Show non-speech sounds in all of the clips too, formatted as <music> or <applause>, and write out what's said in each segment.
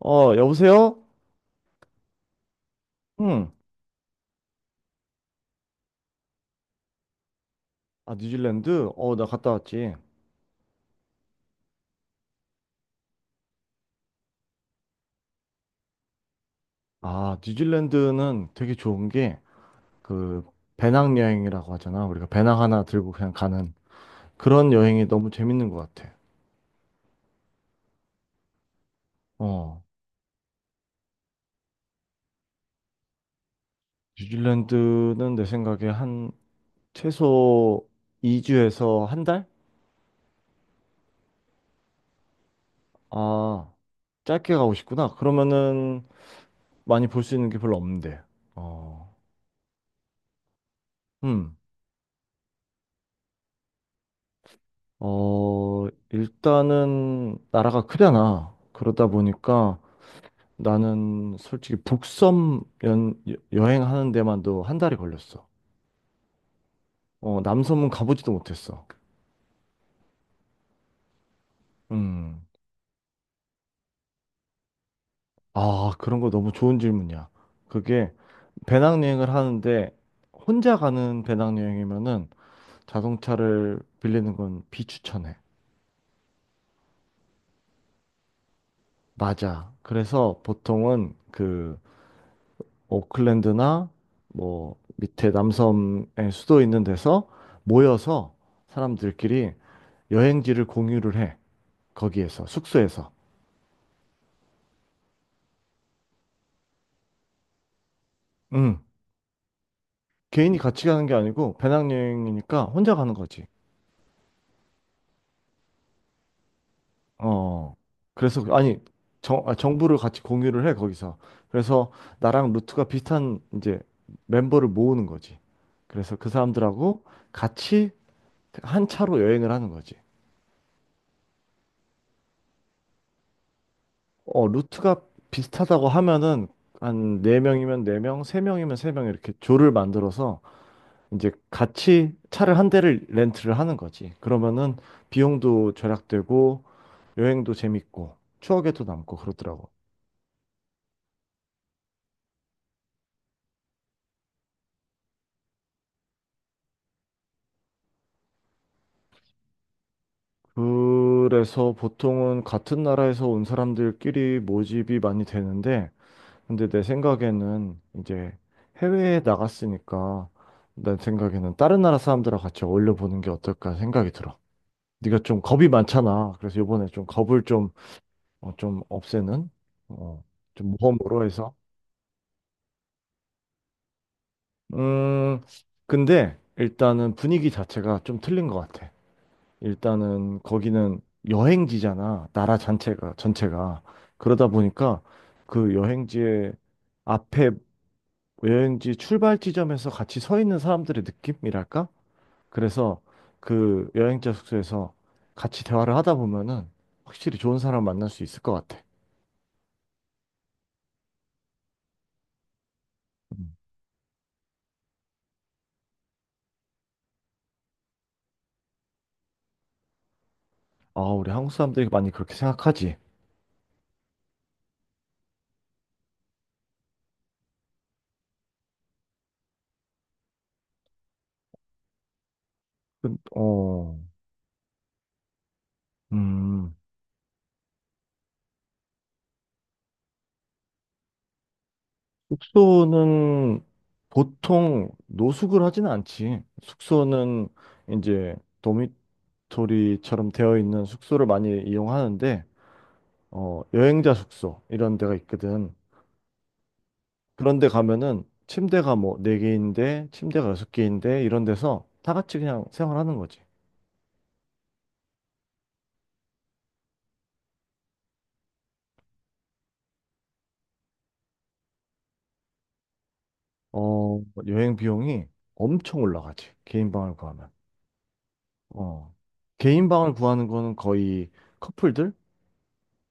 여보세요? 응. 아, 뉴질랜드? 나 갔다 왔지. 아, 뉴질랜드는 되게 좋은 게, 그, 배낭여행이라고 하잖아. 우리가 배낭 하나 들고 그냥 가는 그런 여행이 너무 재밌는 것 같아. 어, 뉴질랜드는 내 생각에 한 최소 2주에서 한 달? 아, 짧게 가고 싶구나. 그러면은 많이 볼 수 있는 게 별로 없는데. 어, 음. 일단은 나라가 크잖아. 그러다 보니까 나는 솔직히 북섬 여행하는 데만도 한 달이 걸렸어. 남섬은 가보지도 못했어. 음. 아, 그런 거 너무 좋은 질문이야. 그게 배낭여행을 하는데 혼자 가는 배낭여행이면은 자동차를 빌리는 건 비추천해. 맞아. 그래서 보통은 그 오클랜드나 뭐 밑에 남섬의 수도 있는 데서 모여서 사람들끼리 여행지를 공유를 해. 거기에서, 숙소에서. 응. 개인이 같이 가는 게 아니고 배낭여행이니까 혼자 가는 거지. 어. 그래서, 아니, 정보를 같이 공유를 해, 거기서. 그래서 나랑 루트가 비슷한 이제 멤버를 모으는 거지. 그래서 그 사람들하고 같이 한 차로 여행을 하는 거지. 루트가 비슷하다고 하면은 한 네명이면네명세명이면세 명세 명이면 세명 이렇게 조를 만들어서 이제 같이 차를 한 대를 렌트를 하는 거지. 그러면은 비용도 절약되고 여행도 재밌고 추억에도 남고 그러더라고. 그래서 보통은 같은 나라에서 온 사람들끼리 모집이 많이 되는데 근데 내 생각에는 이제 해외에 나갔으니까 내 생각에는 다른 나라 사람들하고 같이 어울려 보는 게 어떨까 생각이 들어. 네가 좀 겁이 많잖아. 그래서 이번에 좀 겁을 좀, 좀 없애는 어, 좀 모험으로 해서 음, 근데 일단은 분위기 자체가 좀 틀린 것 같아. 일단은 거기는 여행지잖아. 나라 전체가, 전체가. 그러다 보니까 그 여행지의 앞에 여행지 출발 지점에서 같이 서 있는 사람들의 느낌이랄까? 그래서 그 여행자 숙소에서 같이 대화를 하다 보면은 확실히 좋은 사람 만날 수 있을 것 같아. 음. 아, 우리 한국 사람들이 많이 그렇게 생각하지. 근- 어, 음. 숙소는 보통 노숙을 하지는 않지. 숙소는 이제 도미토리처럼 되어 있는 숙소를 많이 이용하는데, 여행자 숙소 이런 데가 있거든. 그런 데 가면은 침대가 뭐 네개인데 침대가 여섯 개인데 이런 데서 다 같이 그냥 생활하는 거지. 어, 여행 비용이 엄청 올라가지. 개인 방을 구하면. 어. 개인 방을 구하는 거는 거의 커플들?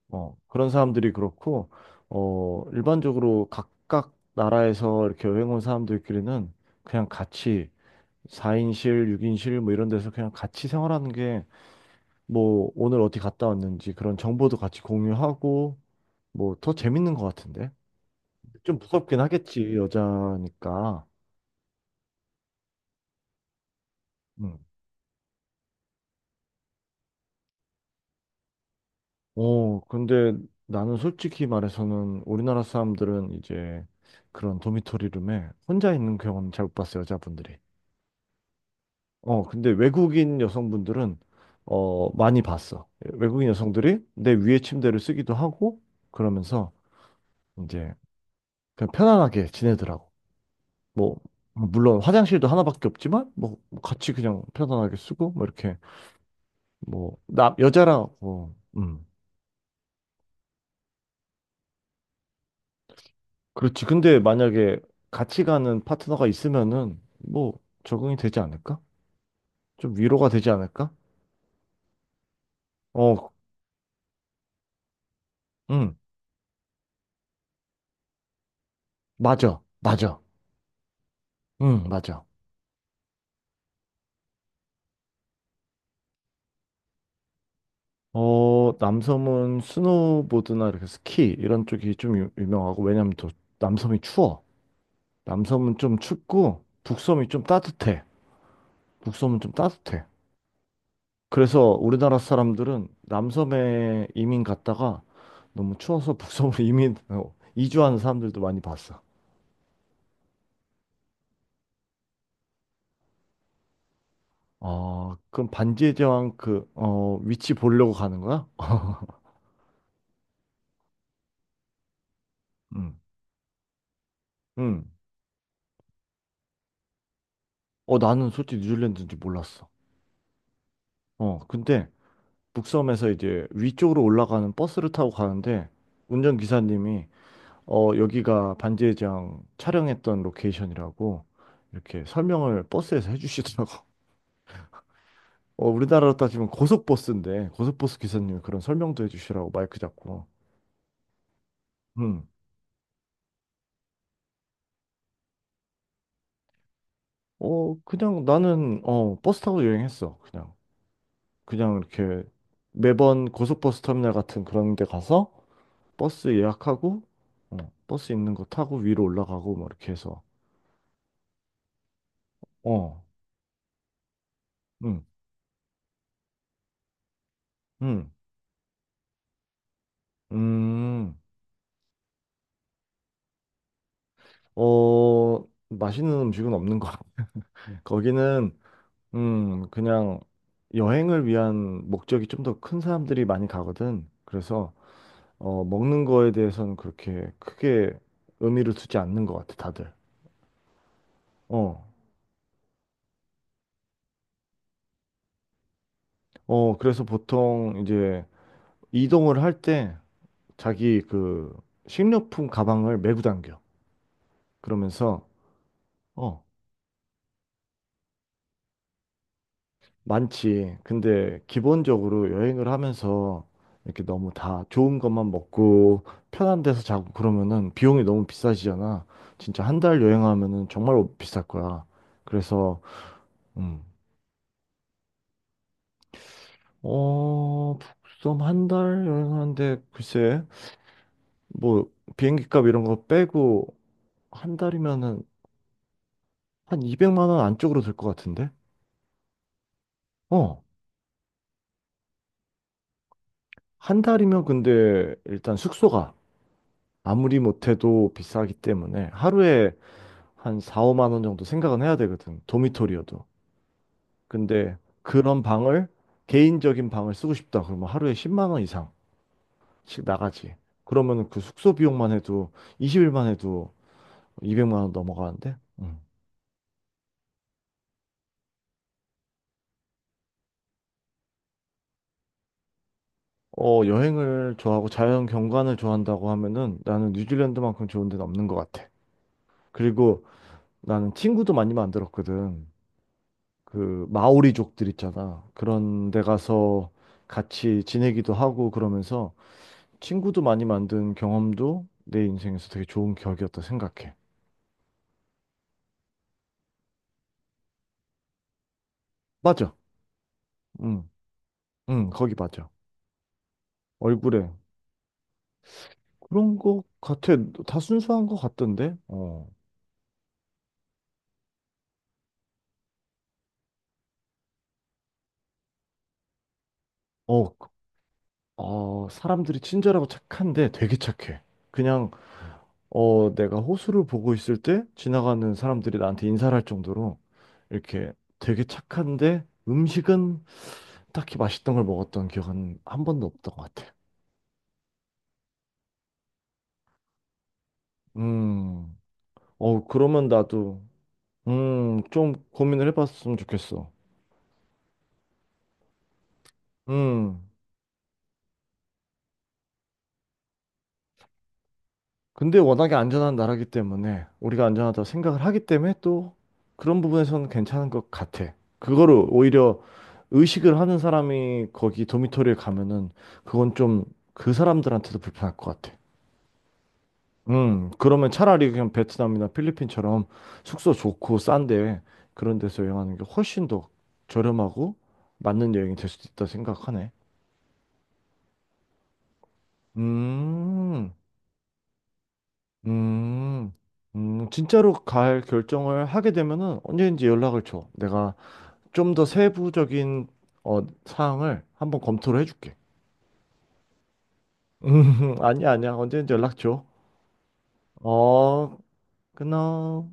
그런 사람들이 그렇고, 일반적으로 각각 나라에서 이렇게 여행 온 사람들끼리는 그냥 같이 4인실, 6인실 뭐 이런 데서 그냥 같이 생활하는 게 뭐 오늘 어디 갔다 왔는지 그런 정보도 같이 공유하고 뭐 더 재밌는 것 같은데? 좀 무섭긴 하겠지, 여자니까. 음. 근데 나는 솔직히 말해서는 우리나라 사람들은 이제 그런 도미토리룸에 혼자 있는 경우는 잘못 봤어, 여자분들이. 근데 외국인 여성분들은 많이 봤어. 외국인 여성들이 내 위에 침대를 쓰기도 하고 그러면서 이제 그냥 편안하게 지내더라고. 뭐 물론 화장실도 하나밖에 없지만 뭐 같이 그냥 편안하게 쓰고 뭐 이렇게 뭐 남 여자랑 뭐 그렇지. 근데 만약에 같이 가는 파트너가 있으면은 뭐 적응이 되지 않을까? 좀 위로가 되지 않을까? 어, 음, 맞아. 맞아. 맞아. 남섬은 스노보드나 이렇게 스키 이런 쪽이 좀 유, 명하고 왜냐면 또 남섬이 추워. 남섬은 좀 춥고 북섬이 좀 따뜻해. 북섬은 좀 따뜻해. 그래서 우리나라 사람들은 남섬에 이민 갔다가 너무 추워서 북섬으로 <laughs> 이주하는 사람들도 많이 봤어. 그럼 반지의 제왕 그 위치 보려고 가는 거야? 응. 응. 나는 솔직히 뉴질랜드인지 몰랐어. 근데 북섬에서 이제 위쪽으로 올라가는 버스를 타고 가는데 운전기사님이 여기가 반지의장 촬영했던 로케이션이라고 이렇게 설명을 버스에서 해주시더라고. <laughs> 우리나라로 따지면 고속버스인데 고속버스 기사님이 그런 설명도 해주시라고 마이크 잡고. 음. 그냥 나는 버스 타고 여행했어. 그냥. 그냥 이렇게 매번 고속버스 터미널 같은 그런 데 가서 버스 예약하고 어, 버스 있는 거 타고 위로 올라가고 뭐 이렇게 해서 어. 응. 음, 음, 어, 맛있는 음식은 없는 것 같아. <laughs> 거기는, 그냥 여행을 위한 목적이 좀 더 큰 사람들이 많이 가거든. 그래서, 먹는 거에 대해서는 그렇게 크게 의미를 두지 않는 것 같아, 다들. 어, 그래서 보통 이제 이동을 할 때 자기 그 식료품 가방을 메고 당겨. 그러면서, 어, 많지. 근데 기본적으로 여행을 하면서 이렇게 너무 다 좋은 것만 먹고 편한 데서 자고 그러면은 비용이 너무 비싸지잖아. 진짜 한 달 여행하면은 정말 비쌀 거야. 그래서 음. 어, 북섬 한 달 여행하는데 글쎄 뭐 비행기 값 이런 거 빼고 한 달이면은 한 200만 원 안쪽으로 들 것 같은데? 어. 한 달이면 근데 일단 숙소가 아무리 못해도 비싸기 때문에 하루에 한 4, 5만 원 정도 생각은 해야 되거든. 도미토리여도. 근데 그런 방을 개인적인 방을 쓰고 싶다. 그러면 하루에 10만 원 이상씩 나가지. 그러면 그 숙소 비용만 해도 20일만 해도 200만 원 넘어가는데. 음. 여행을 좋아하고 자연 경관을 좋아한다고 하면은 나는 뉴질랜드만큼 좋은 데는 없는 것 같아. 그리고 나는 친구도 많이 만들었거든. 그 마오리족들 있잖아. 그런 데 가서 같이 지내기도 하고 그러면서 친구도 많이 만든 경험도 내 인생에서 되게 좋은 기억이었다 생각해. 맞아. 응, 응, 거기 맞아. 얼굴에. 그런 거 같아. 다 순수한 거 같던데? 어, 그- 사람들이 친절하고 착한데 되게 착해. 그냥, 내가 호수를 보고 있을 때 지나가는 사람들이 나한테 인사를 할 정도로 이렇게 되게 착한데 음식은 딱히 맛있던 걸 먹었던 기억은 한 번도 없던 것 같아. 음, 그러면 나도 좀 고민을 해봤으면 좋겠어. 음, 근데 워낙에 안전한 나라기 때문에 우리가 안전하다고 생각을 하기 때문에 또 그런 부분에서는 괜찮은 것 같아. 그거를 오히려 의식을 하는 사람이 거기 도미토리에 가면은 그건 좀 그 사람들한테도 불편할 것 같아. 그러면 차라리 그냥 베트남이나 필리핀처럼 숙소 좋고 싼데 그런 데서 여행하는 게 훨씬 더 저렴하고 맞는 여행이 될 수도 있다 생각하네. 음. 음, 진짜로 갈 결정을 하게 되면은 언제든지 연락을 줘. 내가 좀 더 세부적인 사항을 한번 검토를 해줄게. <laughs> 아니야, 아니야. 언제든지 연락 줘. 어, 끊어.